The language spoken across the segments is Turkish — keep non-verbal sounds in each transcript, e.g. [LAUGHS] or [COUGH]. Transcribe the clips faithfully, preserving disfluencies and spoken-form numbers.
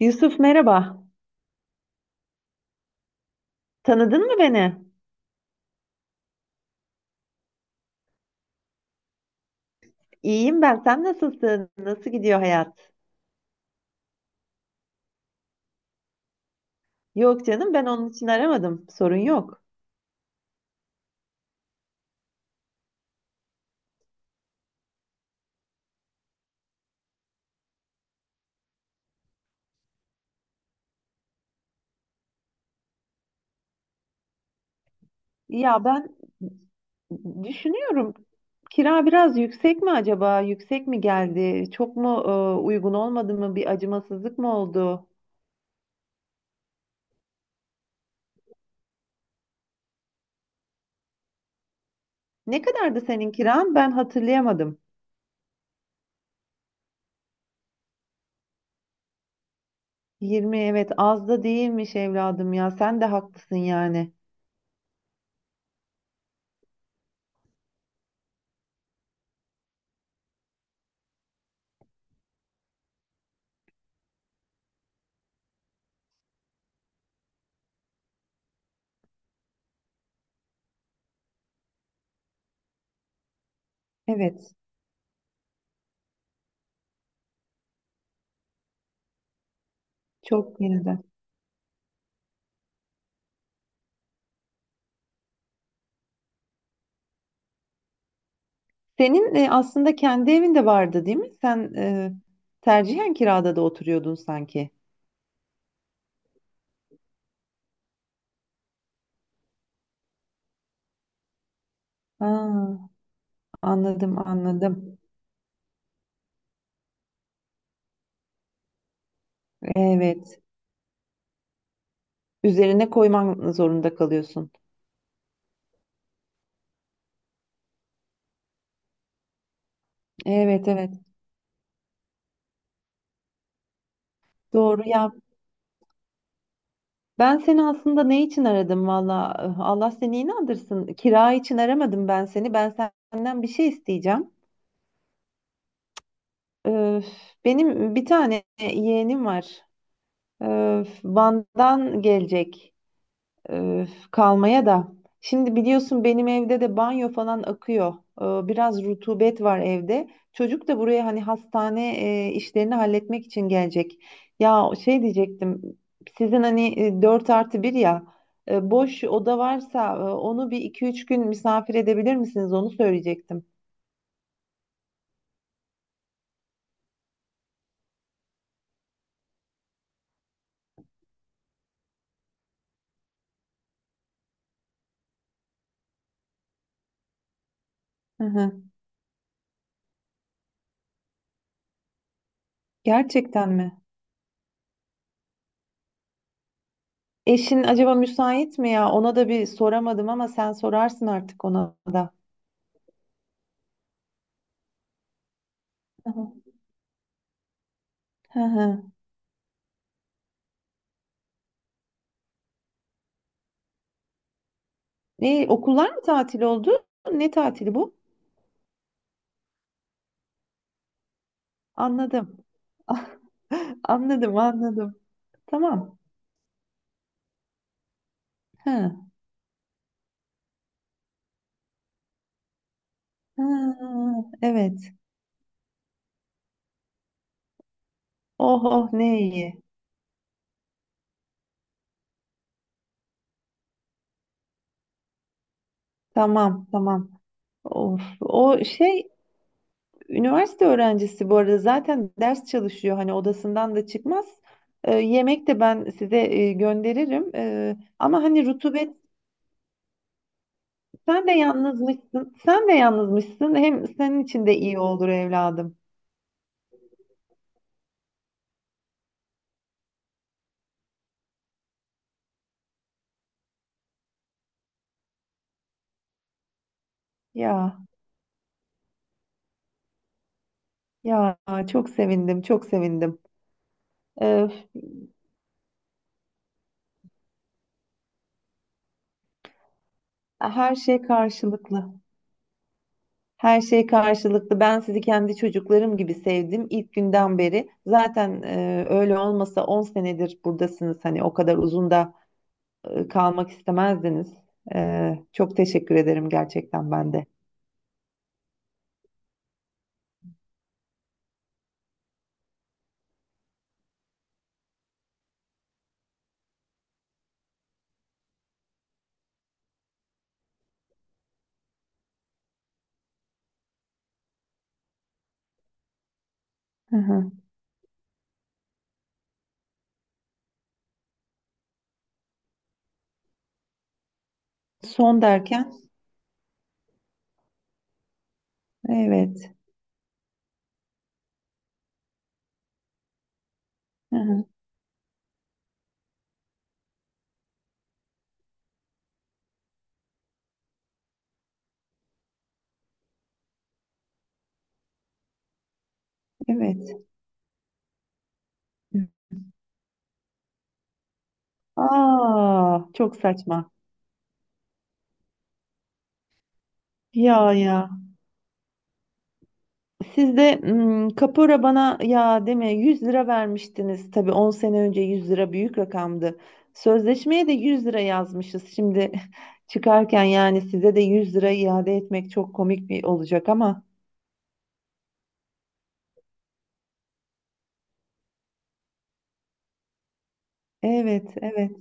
Yusuf, merhaba. Tanıdın mı beni? İyiyim ben. Sen nasılsın? Nasıl gidiyor hayat? Yok canım, ben onun için aramadım. Sorun yok. Ya ben düşünüyorum. Kira biraz yüksek mi acaba? Yüksek mi geldi? Çok mu e, uygun olmadı mı? Bir acımasızlık mı oldu? Ne kadardı senin kiran? Ben hatırlayamadım. yirmi, evet, az da değilmiş evladım ya. Sen de haklısın yani. Evet. Çok yine senin e, aslında kendi evin de vardı değil mi? Sen e, tercihen kirada da oturuyordun sanki. Ha, anladım, anladım. Evet. Üzerine koyman zorunda kalıyorsun. Evet, evet. Doğru ya. Ben seni aslında ne için aradım valla? Allah seni inandırsın. Kira için aramadım ben seni. Ben senden bir şey isteyeceğim. Öf, benim bir tane yeğenim var. Öf, Van'dan gelecek. Öf, kalmaya da. Şimdi biliyorsun benim evde de banyo falan akıyor. Ee, biraz rutubet var evde. Çocuk da buraya hani hastane e, işlerini halletmek için gelecek. Ya şey diyecektim. Sizin hani e, dört artı bir ya e, boş oda varsa e, onu bir iki üç gün misafir edebilir misiniz? Onu söyleyecektim. Hı hı. Gerçekten mi? Eşin acaba müsait mi ya? Ona da bir soramadım ama sen sorarsın artık ona da. Hı hı. Hı hı. E, okullar mı tatil oldu? Ne tatili bu? Anladım. [LAUGHS] Anladım, anladım. Tamam. Ha. Ha, evet. Oh oh, ne iyi. Tamam, tamam. Of. O şey, üniversite öğrencisi bu arada, zaten ders çalışıyor. Hani odasından da çıkmaz. Ee, yemek de ben size e, gönderirim. Ee, ama hani rutubet, sen de yalnızmışsın. Sen de yalnızmışsın. Hem senin için de iyi olur evladım. Ya. Ya, çok sevindim, çok sevindim. Öf, her şey karşılıklı. Her şey karşılıklı. Ben sizi kendi çocuklarım gibi sevdim ilk günden beri. Zaten e, öyle olmasa on senedir buradasınız. Hani o kadar uzun da e, kalmak istemezdiniz. Ee, çok teşekkür ederim gerçekten ben de. Hı hı. Son derken, evet. Hı hı, evet. Aa, çok saçma. Ya ya. Siz de hmm, kapora bana ya deme, yüz lira vermiştiniz. Tabii on sene önce yüz lira büyük rakamdı. Sözleşmeye de yüz lira yazmışız. Şimdi [LAUGHS] çıkarken yani size de yüz lira iade etmek çok komik bir olacak ama. Evet, evet,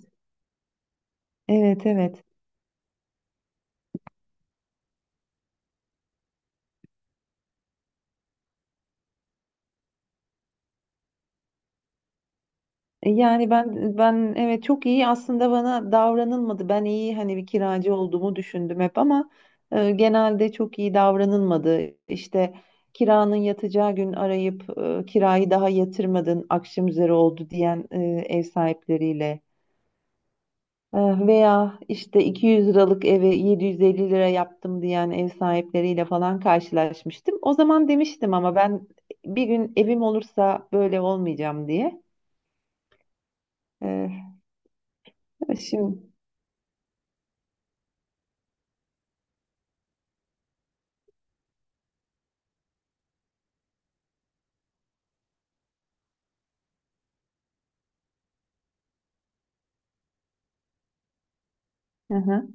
evet, evet. E, Yani ben ben, evet, çok iyi aslında bana davranılmadı. Ben iyi hani bir kiracı olduğumu düşündüm hep ama e, genelde çok iyi davranılmadı. İşte kiranın yatacağı gün arayıp e, kirayı daha yatırmadın, akşam üzeri oldu diyen e, ev sahipleriyle, E, veya işte iki yüz liralık eve yedi yüz elli lira yaptım diyen ev sahipleriyle falan karşılaşmıştım. O zaman demiştim ama ben bir gün evim olursa böyle olmayacağım diye. E, şimdi Hı hı.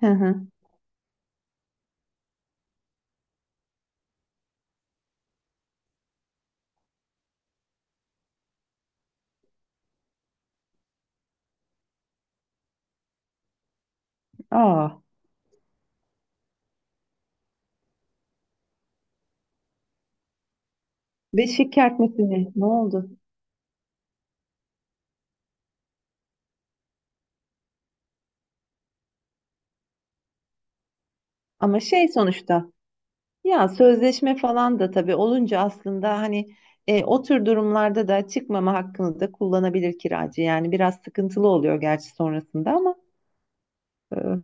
Hı hı. Aa, beşik kertmesini ne oldu? Ama şey, sonuçta ya sözleşme falan da tabii olunca aslında hani e, o tür durumlarda da çıkmama hakkını da kullanabilir kiracı. Yani biraz sıkıntılı oluyor gerçi sonrasında ama e,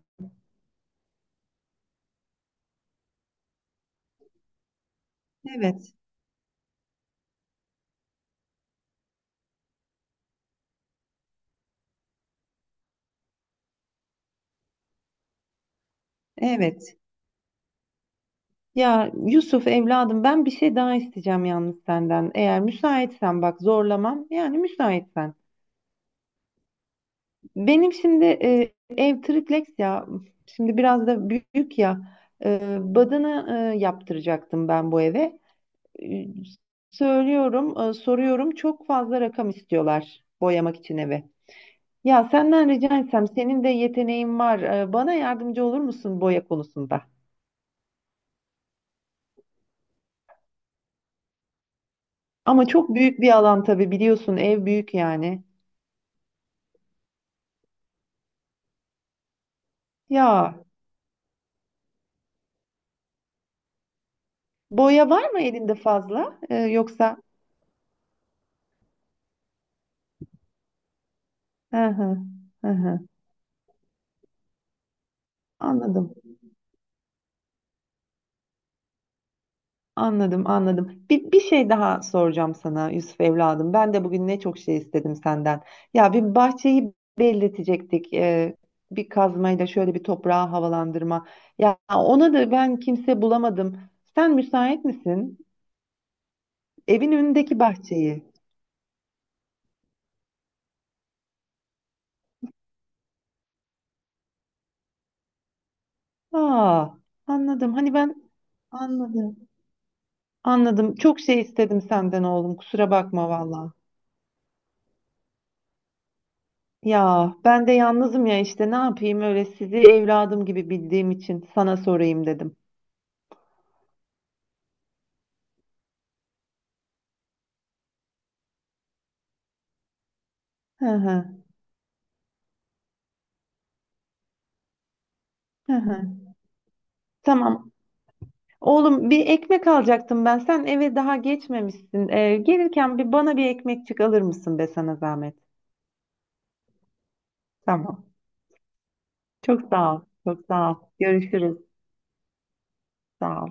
evet, evet. Ya Yusuf evladım, ben bir şey daha isteyeceğim yalnız senden. Eğer müsaitsen, bak zorlamam, yani müsaitsen. Benim şimdi e, ev triplex ya. Şimdi biraz da büyük ya. E, badana e, yaptıracaktım ben bu eve. E, söylüyorum, e, soruyorum. Çok fazla rakam istiyorlar boyamak için eve. Ya senden rica etsem, senin de yeteneğin var. E, bana yardımcı olur musun boya konusunda? Ama çok büyük bir alan tabii, biliyorsun ev büyük yani. Ya boya var mı elinde fazla? E, yoksa? Hı hı, hı hı. Anladım. Anladım, anladım. Bir, bir şey daha soracağım sana Yusuf evladım. Ben de bugün ne çok şey istedim senden. Ya, bir bahçeyi belletecektik. e, bir kazmayla şöyle bir toprağı havalandırma. Ya ona da ben kimse bulamadım. Sen müsait misin? Evin önündeki bahçeyi. Aa, anladım. Hani ben anladım. Anladım. Çok şey istedim senden oğlum. Kusura bakma valla. Ya ben de yalnızım ya işte, ne yapayım, öyle sizi evladım gibi bildiğim için sana sorayım dedim. Hı hı, hı hı. Tamam. Oğlum, bir ekmek alacaktım ben. Sen eve daha geçmemişsin. Ee, gelirken bir bana bir ekmekçik alır mısın, be sana zahmet? Tamam. Çok sağ ol. Çok sağ ol. Görüşürüz. Sağ ol.